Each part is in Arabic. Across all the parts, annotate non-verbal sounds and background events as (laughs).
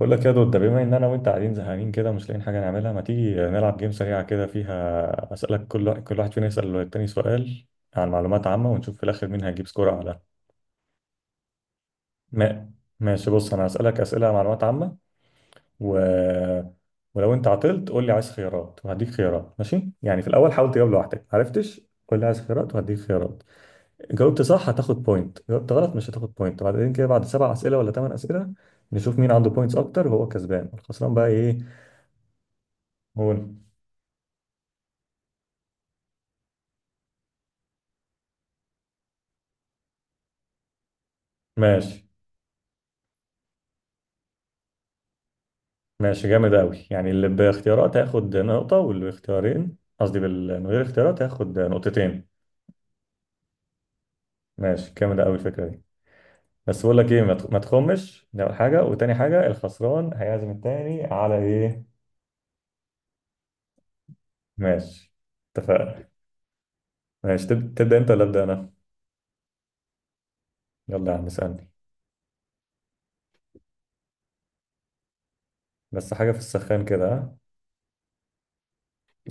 بقول لك يا دود، ده بما ان انا وانت قاعدين زهقانين كده مش لاقيين حاجه نعملها، ما تيجي نلعب جيم سريعه كده فيها اسالك كل واحد فينا يسال التاني سؤال عن معلومات عامه، ونشوف في الاخر مين هيجيب سكور اعلى. ما... ماشي، بص انا هسالك اسئله عن معلومات عامه. و... ولو انت عطلت قول لي عايز خيارات وهديك خيارات، ماشي؟ يعني في الاول حاول تجاوب لوحدك، عرفتش قول لي عايز خيارات وهديك خيارات. جاوبت صح هتاخد بوينت، جاوبت غلط مش هتاخد بوينت، وبعدين كده بعد سبع اسئله ولا ثمان اسئله نشوف مين عنده بوينتس اكتر وهو كسبان، الخسران بقى ايه. هو. ماشي. ماشي جامد أوي، يعني اللي باختيارات هياخد نقطة واللي باختيارين، قصدي من غير اختيارات هياخد نقطتين. ماشي جامد أوي الفكرة دي. بس بقول لك إيه، ما تخمش ده أول حاجة، وتاني حاجة الخسران هيعزم التاني على إيه؟ ماشي اتفقنا. ماشي تبدأ أنت ولا أبدأ أنا؟ يلا يا عم اسألني. بس حاجة في السخان كده، ها؟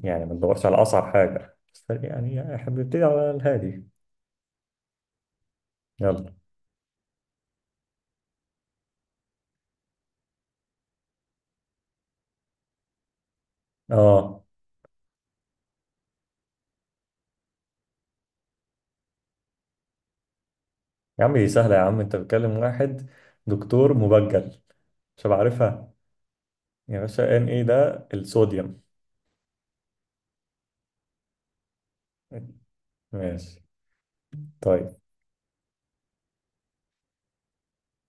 يعني ما تدورش على أصعب حاجة، بس يعني إحنا بنبتدي على الهادي. يلا. آه. يا عم دي سهلة، يا عم أنت بتكلم واحد دكتور مبجل، شباب عارفها. يا باشا ان ايه ده؟ الصوديوم. ماشي. طيب.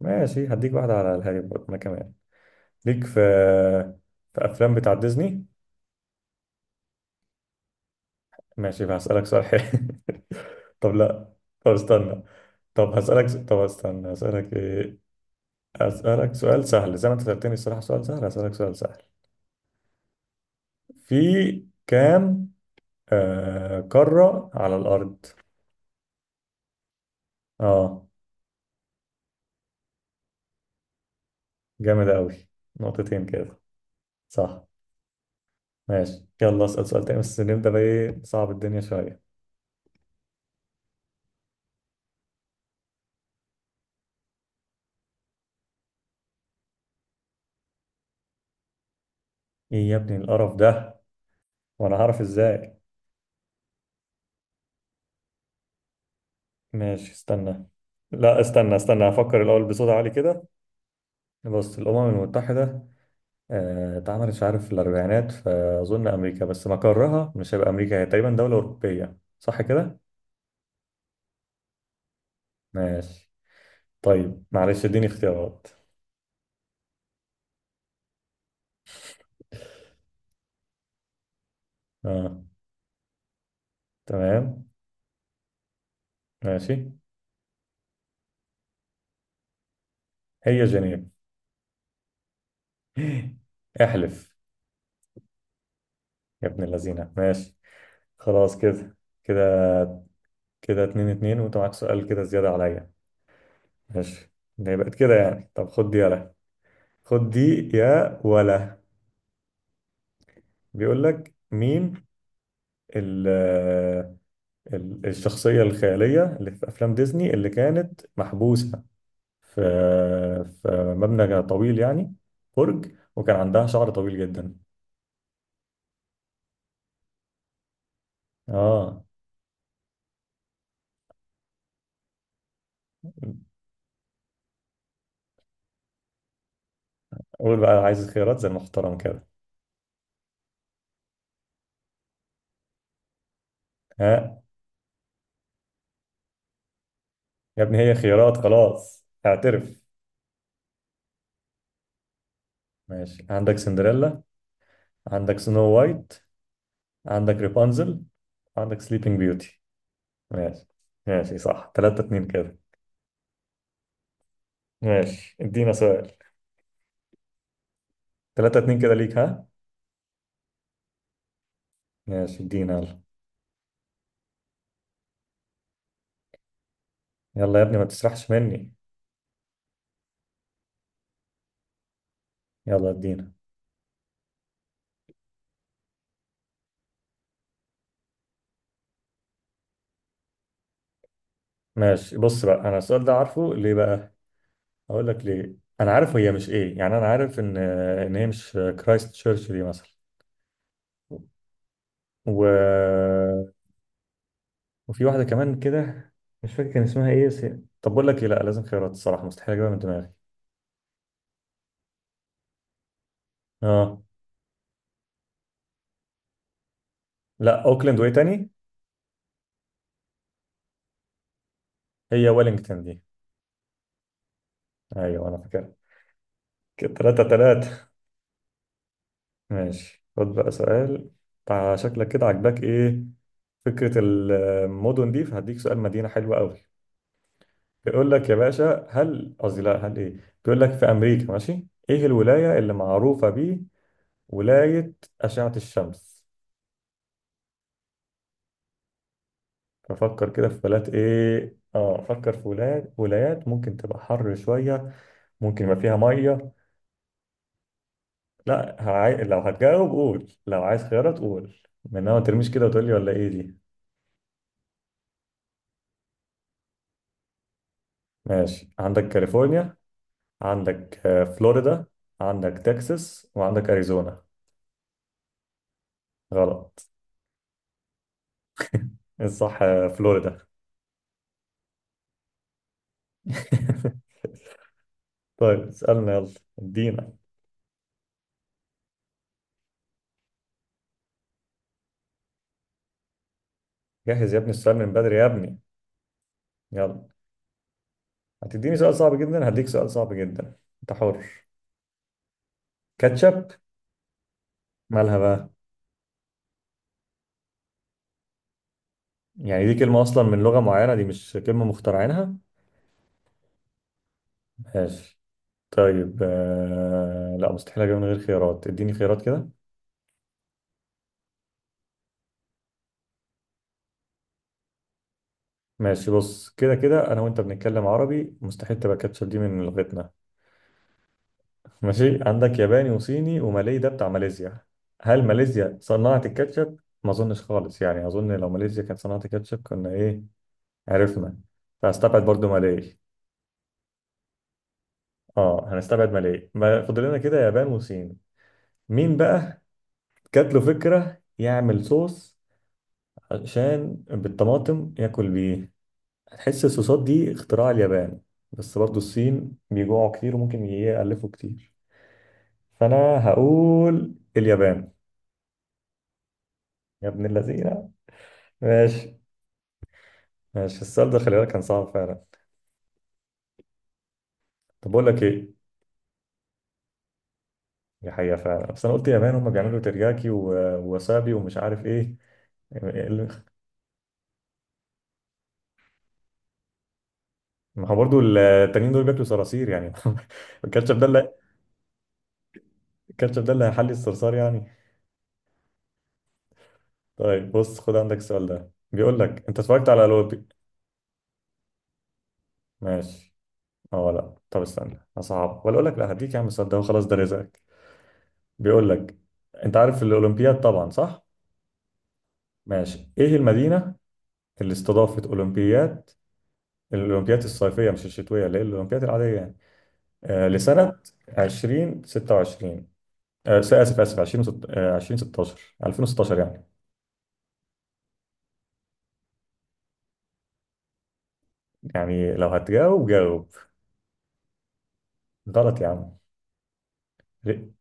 ماشي هديك واحدة على الهادي برضه انا كمان. ليك في افلام بتاع ديزني؟ ماشي هسألك سؤال حلو. (laughs) طب لا. طب استنى. طب طب استنى هسألك ايه. هسألك سؤال سهل زي ما انت سألتني الصراحة، سؤال سهل، هسألك سؤال سهل. في كام قارة على الأرض؟ اه. جامد أوي، نقطتين كده. صح. ماشي يلا اسأل سؤال تاني، بس نبدأ بقى ايه صعب الدنيا شوية. ايه يا ابني القرف ده؟ وانا هعرف ازاي؟ ماشي استنى. لا استنى استنى، هفكر الاول بصوت عالي كده. بص، الامم المتحده اتعملت مش عارف في الاربعينات، فاظن امريكا، بس مقرها مش هيبقى امريكا، هي تقريبا دوله اوروبيه، صح كده؟ ماشي. طيب معلش اديني اختيارات. اه. تمام. ماشي. هي جنيف. (laughs) احلف. يا ابن اللذينه، ماشي. خلاص كده. كده. كده 2-2، وانت معاك سؤال كده زياده عليا. ماشي. ده بقت كده يعني، طب خد دي يلا. خد دي يا ولا. بيقول لك مين ال الشخصية الخيالية اللي في أفلام ديزني اللي كانت محبوسة في في مبنى طويل يعني، برج، وكان عندها شعر طويل جدا؟ اه. قول بقى عايز خيارات زي المحترم كده. ها؟ يا ابني هي خيارات، خلاص اعترف. ماشي، عندك سندريلا، عندك سنو وايت، عندك ريبانزل، عندك سليبنج بيوتي. ماشي. ماشي صح، 3-2 كده. ماشي ادينا سؤال. 3-2 كده ليك، ها. ماشي ادينا يلا. يلا يا ابني ما تسرحش مني. يلا ادينا. ماشي بص بقى، انا السؤال ده عارفه ليه بقى؟ اقول لك ليه. انا عارف هي مش ايه، يعني انا عارف ان هي مش كرايست تشيرش دي مثلا. و... وفي واحده كمان كده، مش فاكر كان اسمها ايه بس. طب بقول لك ايه، لا لازم خيارات الصراحه، مستحيل اجيبها من دماغي. اه لا. اوكلاند، وايه تاني؟ هي ويلينجتون دي. ايوه انا فاكرها. كده 3-3. ماشي خد بقى سؤال. شكلك كده عاجباك ايه فكرة المدن دي، فهديك سؤال مدينة حلوة قوي. بيقول لك يا باشا، هل، قصدي لا، هل ايه. بيقول لك في أمريكا، ماشي، ايه الولاية اللي معروفة بيه؟ ولاية أشعة الشمس. ففكر كده في بلاد ايه، اه فكر في ولايات، ولايات ممكن تبقى حر شوية، ممكن يبقى فيها مية. لا، لو هتجاوب قول، لو عايز خيارات قول، من ما ترميش كده وتقول لي ولا ايه دي. ماشي، عندك كاليفورنيا، عندك فلوريدا، عندك تكساس، وعندك أريزونا. غلط. الصح فلوريدا. (laughs) طيب اسألنا يلا. ادينا. جهز يا ابني السؤال من بدري يا ابني. يلا. هتديني سؤال صعب جدا هديك سؤال صعب جدا. انت حر. كاتشب. مالها بقى؟ يعني دي كلمة أصلا من لغة معينة، دي مش كلمة مخترعينها. ماشي. طيب لا مستحيل أجيبها من غير خيارات، اديني خيارات كده. ماشي، بص كده كده أنا وأنت بنتكلم عربي، مستحيل تبقى كاتشب دي من لغتنا. ماشي، عندك ياباني وصيني ومالي، ده بتاع ماليزيا. هل ماليزيا صنعت الكاتشب؟ ما اظنش خالص، يعني اظن لو ماليزيا كانت صنعت الكاتشب كنا ايه، عرفنا. فهستبعد برضو مالي. اه هنستبعد مالي، ما فاضل لنا كده يابان وصين. مين بقى؟ جات له فكرة يعمل صوص عشان بالطماطم ياكل بيه، هتحس الصوصات دي اختراع اليابان، بس برضو الصين بيجوعوا كتير وممكن يألفوا كتير، فانا هقول اليابان. يا ابن اللذينة. ماشي. ماشي السؤال ده خلي بالك كان صعب فعلا. طب بقول لك ايه، دي حقيقة فعلا، بس انا قلت يابان هم بيعملوا ترياكي ووسابي ومش عارف ايه ال- ما هو برضه التانيين دول بياكلوا صراصير يعني. (laughs) الكاتشب ده اللي الكاتشب ده اللي هيحلي الصرصار يعني. طيب بص خد عندك السؤال ده، بيقول لك انت اتفرجت على لوبي. ماشي. اه لا، طب استنى صعب، ولا اقول لك لا، هديك يا عم السؤال ده وخلاص ده رزقك. بيقول لك انت عارف الاولمبياد طبعا، صح؟ ماشي. ايه المدينة اللي استضافت اولمبياد الأولمبياد الصيفية مش الشتوية، اللي هي الأولمبياد العادية يعني، لسنة 2026؟ آسف آسف، 20 2016. 2016 يعني. يعني لو هتجاوب جاوب. غلط يا عم. ري-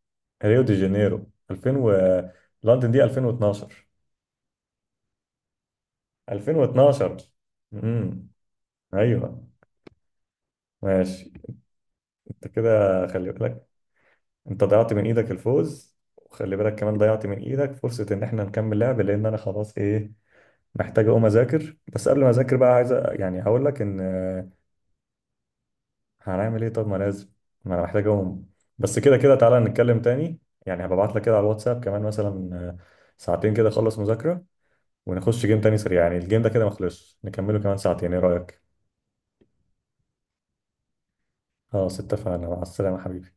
ريو دي جانيرو 2000 لندن دي 2012. 2012. امم. ايوه. ماشي. انت كده، خلي بالك انت ضيعت من ايدك الفوز، وخلي بالك كمان ضيعت من ايدك فرصة ان احنا نكمل لعب، لان انا خلاص ايه، محتاج اقوم اذاكر. بس قبل ما اذاكر بقى عايز يعني هقول لك ان هنعمل ايه طب، ما لازم، ما انا محتاج اقوم بس. كده كده تعالى نتكلم تاني، يعني هبعت لك كده على الواتساب كمان مثلا ساعتين كده اخلص مذاكرة ونخش جيم تاني سريع. يعني الجيم ده كده ما خلصش، نكمله كمان ساعتين، ايه رأيك؟ خلاص اتفقنا، مع السلامة حبيبي.